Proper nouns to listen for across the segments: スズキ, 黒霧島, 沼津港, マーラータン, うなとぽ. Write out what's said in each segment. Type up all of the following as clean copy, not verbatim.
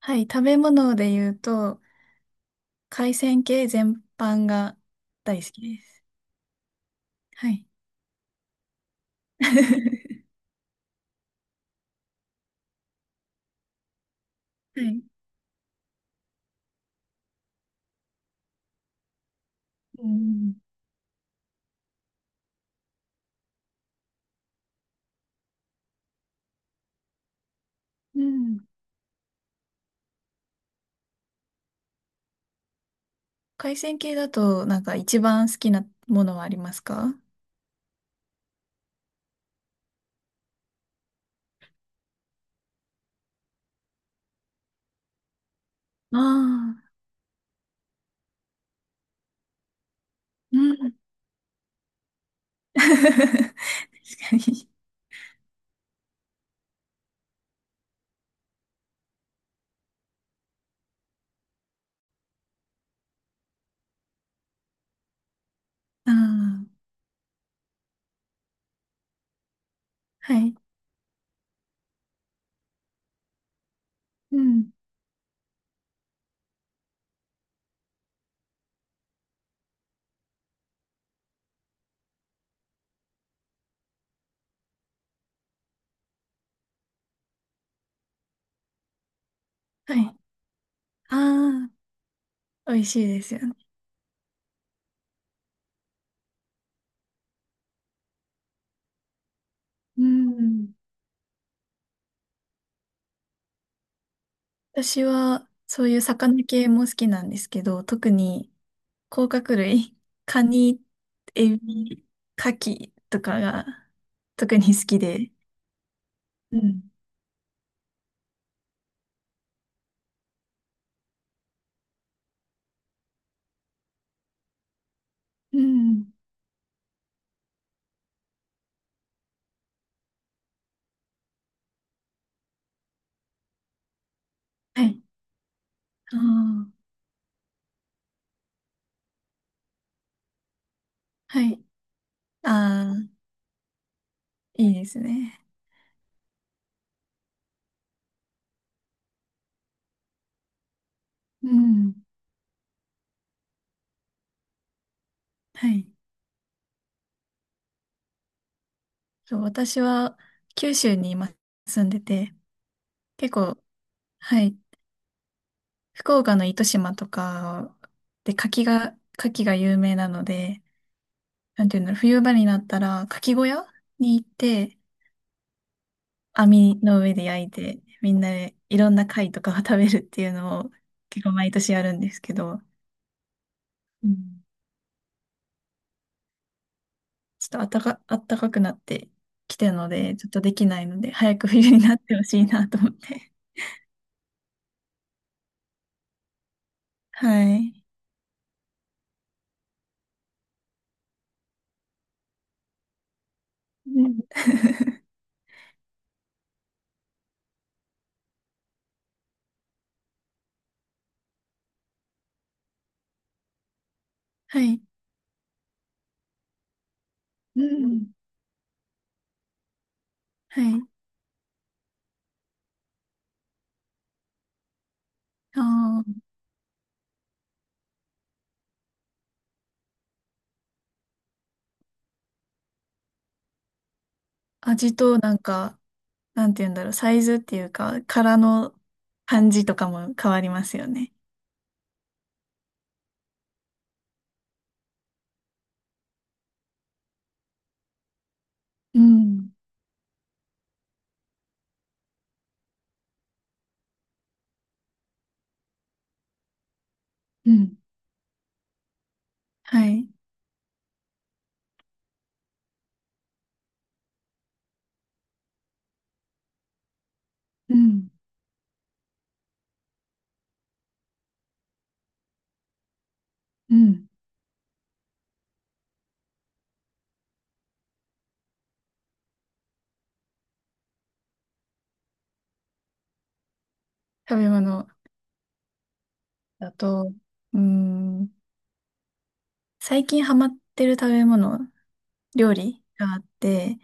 はい、食べ物で言うと、海鮮系全般が大好きです。はい。はい。うん。うん。海鮮系だと、一番好きなものはありますか？ああー、うん。確かに。ああ、はい。うん。はい。ああ、美味しいですよね。うん。私は、そういう魚系も好きなんですけど、特に甲殻類、カニ、エビ、カキとかが特に好きで。うん。うん。はい。ああ、はい。ああ、いいですね。うん。はい。そう、私は九州に今住んでて、結構、はい、福岡の糸島とかで柿が、柿が有名なので、なんていうんだろう、冬場になったら牡蠣小屋に行って、網の上で焼いて、みんなでいろんな貝とかを食べるっていうのを結構毎年やるんですけど、うん、ちょっとあったか、あったかくなってきてるので、ちょっとできないので、早く冬になってほしいなと思って。はい。うん。 はい。うん。はい。ああ、味となんか、なんて言うんだろう、サイズっていうか、殻の感じとかも変わりますよね。うん。うん。はい。うん。うん。食べ物だと、うーん、最近ハマってる食べ物、料理があって、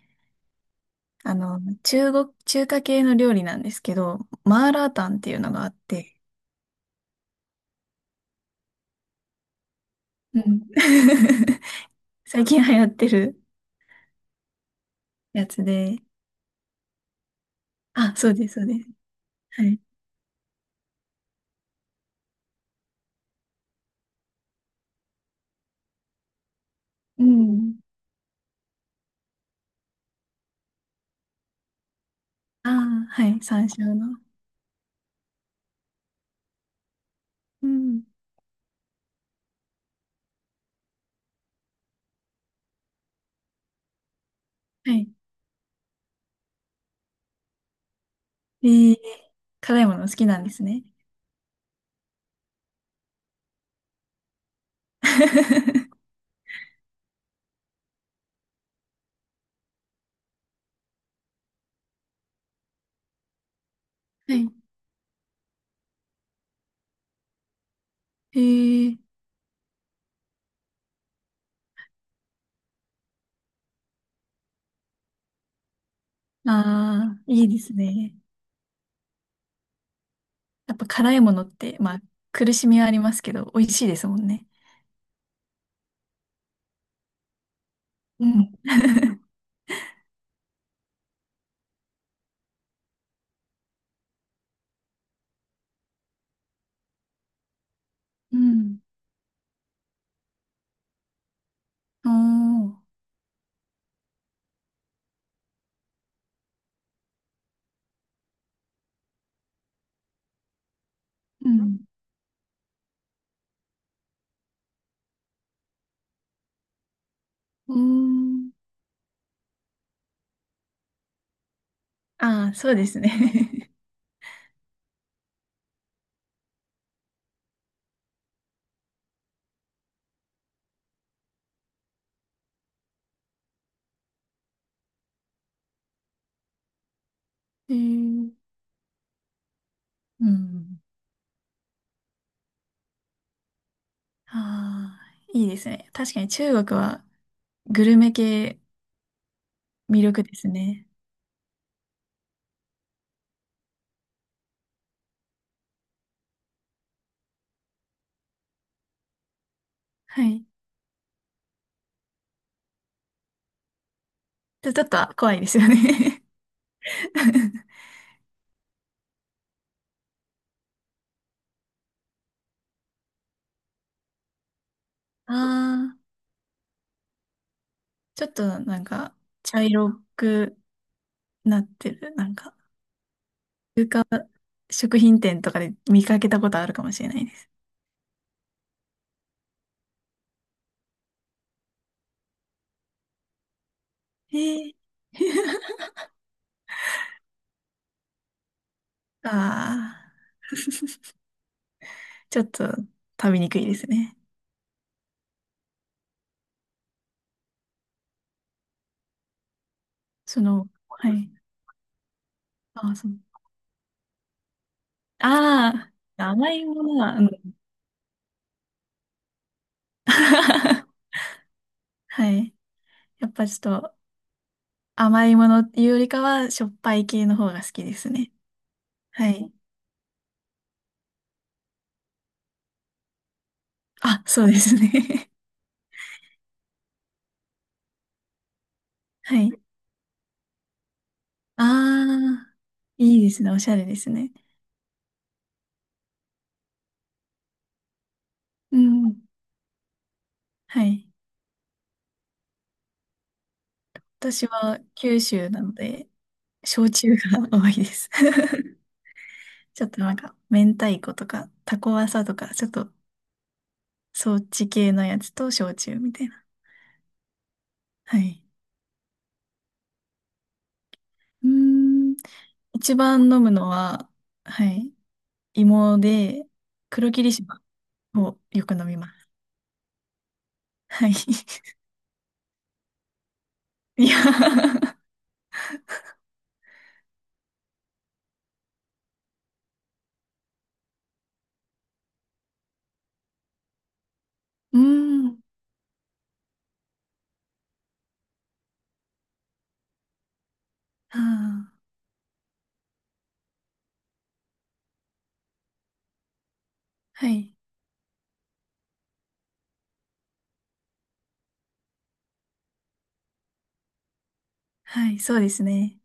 中国、中華系の料理なんですけど、マーラータンっていうのがあって、うん。 最近流行ってるやつで、あ、そうです、そうです。はい。うん。ああ、はい、山椒の。うん。はい。えー、辛いもの好きなんですね。はい。えー、ああ、いいですね。やっぱ辛いものって、まあ、苦しみはありますけど、美味しいですもんね。うん。うん。おー。うん。うーん。ああ、そうですね。えー、うん。ああ、いいですね。確かに中国はグルメ系魅力ですね。はい。ちょ、ちょっと怖いですよね。ああ、ちょっと茶色くなってる、食品店とかで見かけたことあるかもしれないです。えー、ああ、ちょっと食べにくいですね。その、はい。ああ、そう。ああ、甘いものは、うん。はい。やっぱちょっと甘いものっていうよりかは、しょっぱい系の方が好きですね。はい。あ、そうですね。はい。ああ、いいですね。おしゃれですね。うん。はい。私は九州なので、焼酎が多いです。ちょっと明太子とか、タコワサとか、ちょっとそっち系のやつと焼酎みたいな。はい。うーん。一番飲むのは、はい、芋で、黒霧島をよく飲みます。はい。いや、うーん。はあ。はい。はい。そうですね。